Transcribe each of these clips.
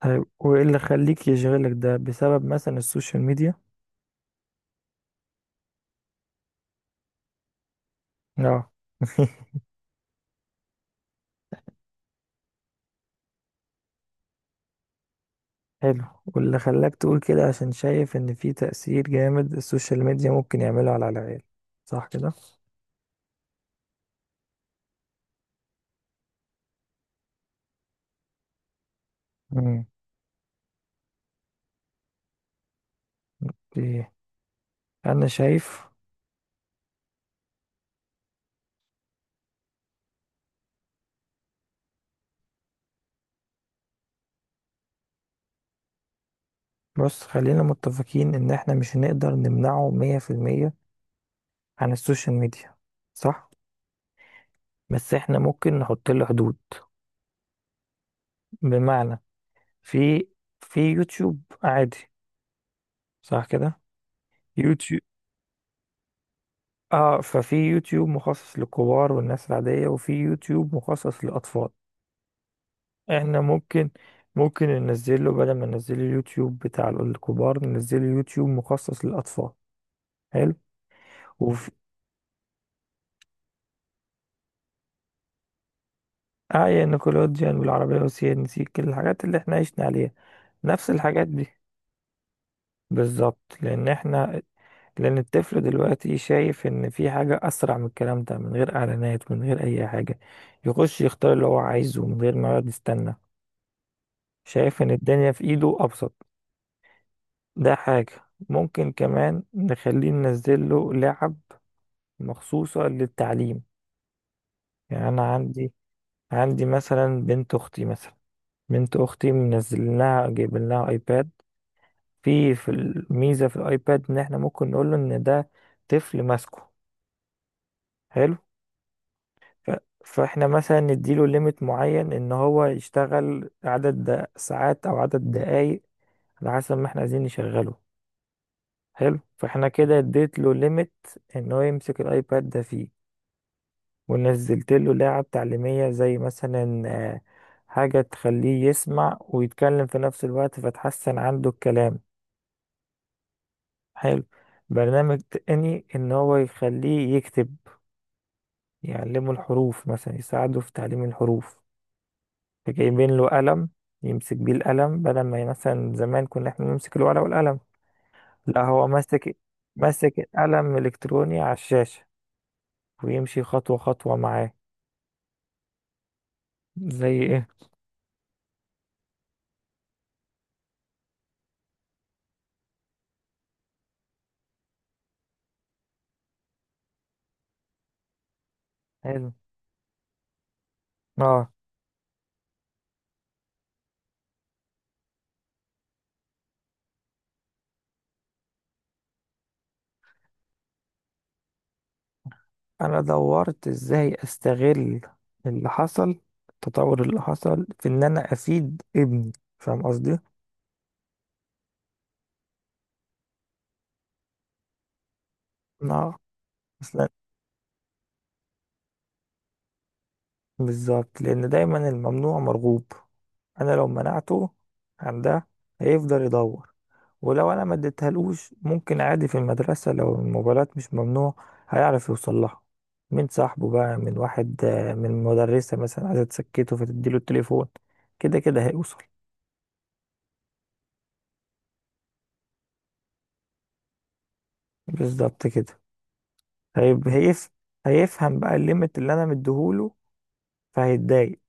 طيب وايه اللي خليك يشغلك ده؟ بسبب مثلا السوشيال ميديا؟ اه. حلو. واللي خلاك تقول كده عشان شايف ان في تأثير جامد السوشيال ميديا ممكن يعمله على العيال، صح كده؟ مم. ايه، انا شايف. بص، خلينا متفقين ان احنا مش هنقدر نمنعه 100% عن السوشيال ميديا، صح. بس احنا ممكن نحط له حدود. بمعنى، في في يوتيوب عادي، صح كده؟ يوتيوب. اه، ففي يوتيوب مخصص للكبار والناس العادية، وفي يوتيوب مخصص للأطفال. احنا ممكن، ننزله، بدل ما ننزله اليوتيوب بتاع الكبار، ننزله يوتيوب مخصص للأطفال. حلو. وفي آية نيكولوديان والعربية والسي ان سي، كل الحاجات اللي احنا عشنا عليها. نفس الحاجات دي بالظبط. لأن الطفل دلوقتي شايف إن في حاجة أسرع من الكلام ده، من غير إعلانات، من غير أي حاجة. يخش يختار اللي هو عايزه من غير ما يقعد يستنى. شايف ان الدنيا في ايده ابسط. ده حاجة. ممكن كمان نخليه، ننزل له لعب مخصوصة للتعليم. يعني أنا عندي، مثلا بنت أختي. مثلا بنت أختي، منزل لها، جايب لها أيباد. في الميزة في الأيباد إن إحنا ممكن نقول له إن ده طفل ماسكه. حلو. ف- فإحنا مثلا نديله ليميت معين إن هو يشتغل عدد ساعات أو عدد دقايق، على حسب ما إحنا عايزين نشغله. حلو. فإحنا كده اديت له ليميت إن هو يمسك الأيباد ده فيه، ونزلت له لعب تعليمية، زي مثلا حاجة تخليه يسمع ويتكلم في نفس الوقت، فتحسن عنده الكلام. حلو. برنامج تاني ان هو يخليه يكتب، يعلمه الحروف مثلا، يساعده في تعليم الحروف. فجايبين له قلم يمسك بيه القلم، بدل ما مثلا زمان كنا احنا نمسك الورقة والقلم. لا، هو ماسك، القلم الإلكتروني على الشاشة، ويمشي خطوة خطوة معاه. زي ايه؟ حلو. اه، انا دورت ازاي استغل اللي حصل، التطور اللي حصل، في ان انا افيد ابني. فاهم قصدي؟ انا اصلا بالظبط. لان دايما الممنوع مرغوب. انا لو منعته عن ده، هيفضل يدور. ولو انا ما اديتهالوش، ممكن عادي في المدرسة لو الموبايلات مش ممنوع هيعرف يوصل لها. من صاحبه بقى، من واحد، من مدرسة مثلا عايزة تسكته فتديله التليفون. كده كده هيوصل. بالظبط كده. هيب- هيف... هيفهم بقى الليميت اللي انا مديهوله، فهيتضايق.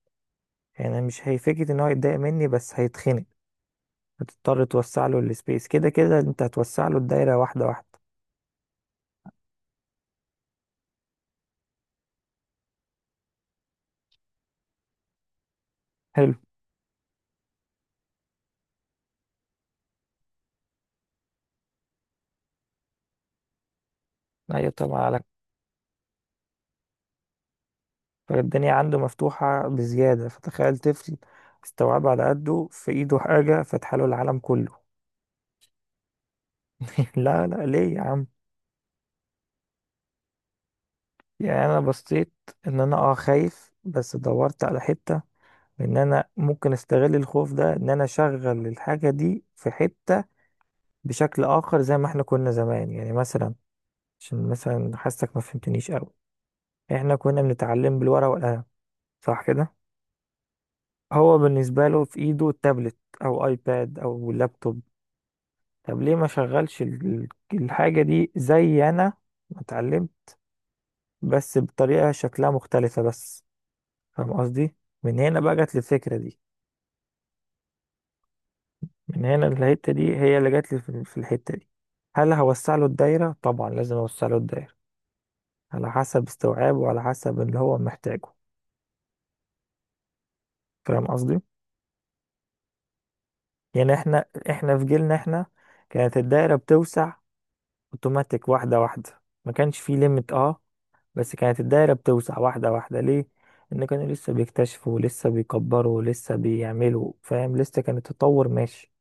يعني مش هيفكر ان هو يتضايق مني، بس هيتخنق. هتضطر توسع له السبيس. كده كده انت هتوسع له الدايره واحده واحده. حلو. ايوه طبعا لك. فالدنيا عنده مفتوحه بزياده. فتخيل طفل استوعب على قده، في ايده حاجه فتح له العالم كله. لا لا، ليه يا عم؟ يعني انا بصيت ان انا خايف، بس دورت على حته ان انا ممكن استغل الخوف ده، ان انا اشغل الحاجه دي في حته بشكل آخر. زي ما احنا كنا زمان، يعني مثلا، عشان مثلا حاسك ما فهمتنيش أوي، احنا كنا بنتعلم بالورقة والقلم، صح كده؟ هو بالنسبة له في ايده تابلت، أو ايباد، أو لابتوب. طب ليه ما شغلش الحاجة دي زي أنا ما اتعلمت؟ بس بطريقة شكلها مختلفة بس. فاهم قصدي؟ من هنا بقى جت لي الفكرة دي. من هنا الحتة دي هي اللي جت لي، في الحتة دي. هل هوسع له الدايرة؟ طبعا لازم اوسع له الدايرة، على حسب استوعابه وعلى حسب اللي هو محتاجه. فاهم قصدي؟ يعني احنا في جيلنا، احنا كانت الدايره بتوسع اوتوماتيك واحده واحده، ما كانش فيه ليميت، اه. بس كانت الدايره بتوسع واحده واحده. ليه؟ ان كانوا لسه بيكتشفوا، ولسه بيكبروا، ولسه بيعملوا، فاهم، لسه كان التطور ماشي.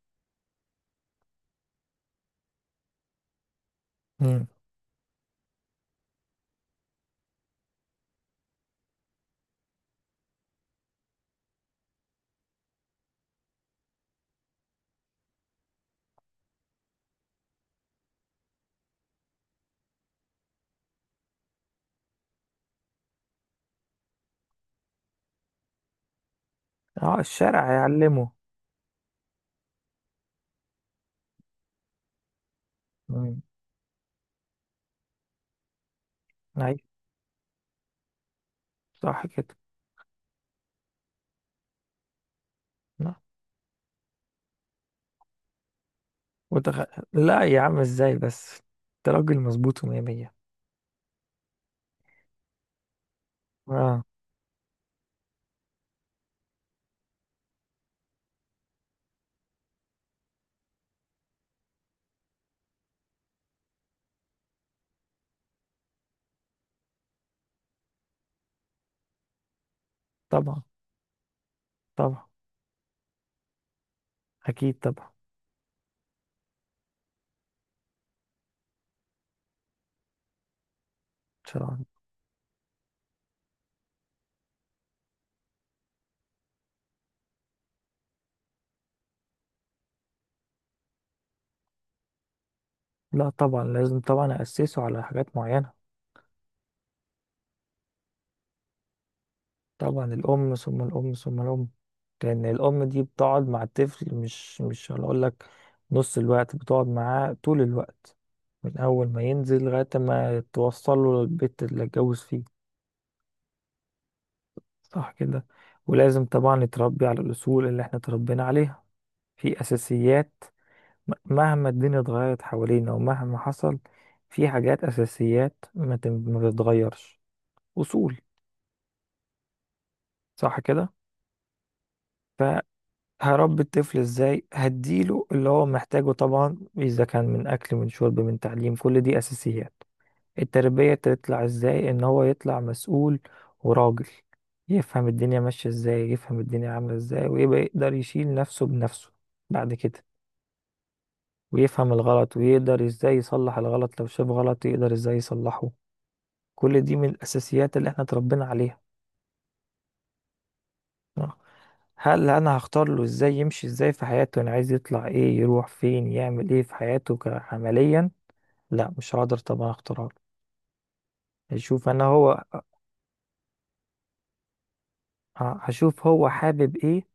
مم. اه، الشارع هيعلمه. مم. ايوه، صح كده. نعم. وتخ... لا يا عم، ازاي بس؟ انت راجل مظبوط ومية مية. اه، طبعا، طبعا. اكيد طبعا. ان شاء الله. لا طبعا، لازم طبعا اسسه على حاجات معينة. طبعا الأم ثم الأم ثم الأم. لأن الأم دي بتقعد مع الطفل، مش هنقول لك نص الوقت، بتقعد معاه طول الوقت، من أول ما ينزل لغاية ما توصل له البيت اللي اتجوز فيه، صح كده. ولازم طبعا يتربي على الأصول اللي احنا اتربينا عليها، في أساسيات. مهما الدنيا اتغيرت حوالينا ومهما حصل، في حاجات أساسيات ما تتغيرش. أصول. صح كده. هربي الطفل ازاي؟ هديله اللي هو محتاجه طبعا، اذا كان من اكل من شرب من تعليم، كل دي اساسيات. التربية تطلع ازاي؟ ان هو يطلع مسؤول وراجل، يفهم الدنيا ماشية ازاي، يفهم الدنيا عاملة ازاي، ويبقى يقدر يشيل نفسه بنفسه بعد كده. ويفهم الغلط، ويقدر ازاي يصلح الغلط، لو شاف غلط يقدر ازاي يصلحه. كل دي من الاساسيات اللي احنا اتربينا عليها. هل انا هختار له ازاي يمشي ازاي في حياته؟ انا عايز يطلع ايه، يروح فين، يعمل ايه في حياته، عمليا؟ لا مش هقدر طبعا اختار له. هشوف انا هو هشوف هو حابب ايه،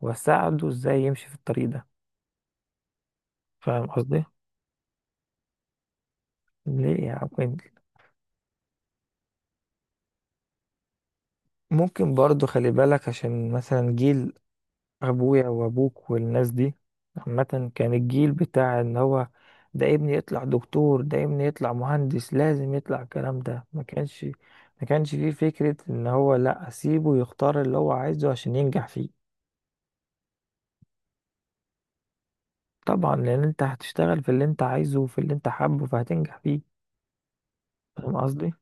واساعده ازاي يمشي في الطريق ده. فاهم قصدي؟ ليه يعني؟ ممكن برضو خلي بالك، عشان مثلا جيل ابويا وابوك والناس دي عامة كان الجيل بتاع ان هو ده ابني يطلع دكتور، ده ابني يطلع مهندس، لازم يطلع الكلام ده. ما كانش فيه فكرة ان هو لا، اسيبه يختار اللي هو عايزه عشان ينجح فيه. طبعا لان انت هتشتغل في اللي انت عايزه وفي اللي انت حابه، فهتنجح فيه. فاهم قصدي؟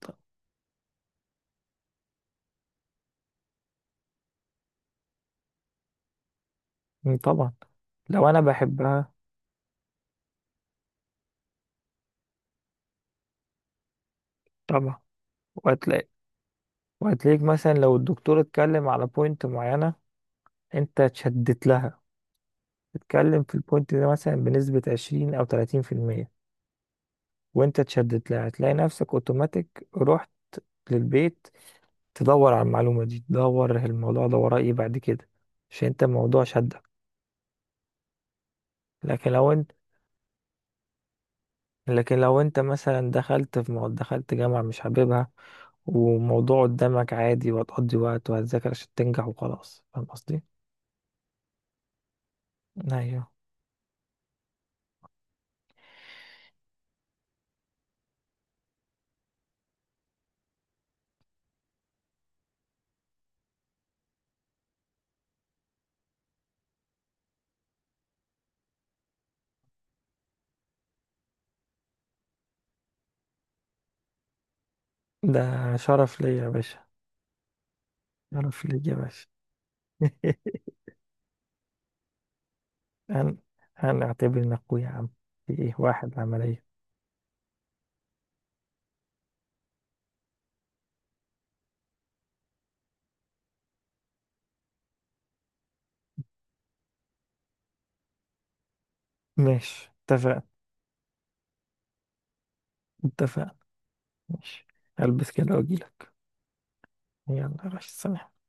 ط- طبعا. لو انا بحبها طبعا وهتلاقي، وهتلاقيك مثلا لو الدكتور اتكلم على بوينت معينة انت اتشدت لها، تتكلم في البوينت ده مثلا بنسبة 20 أو 30% وأنت اتشدت لها، هتلاقي نفسك أوتوماتيك رحت للبيت تدور على المعلومة دي، تدور الموضوع ده وراه إيه بعد كده، عشان أنت الموضوع شدك. لكن لو أنت لكن لو أنت مثلا دخلت في دخلت جامعة مش حاببها وموضوع قدامك عادي، وهتقضي وقت وهتذاكر عشان تنجح وخلاص. فاهم قصدي؟ أيوه، ده شرف ليا يا باشا. شرف ليا يا باشا. هن... هنعتبر إنك أخويا يا عم. في إيه واحد عملية. ماشي، اتفقنا. اتفقنا، ماشي. هلبس كده واجيلك. يلا يا باشا، سلام.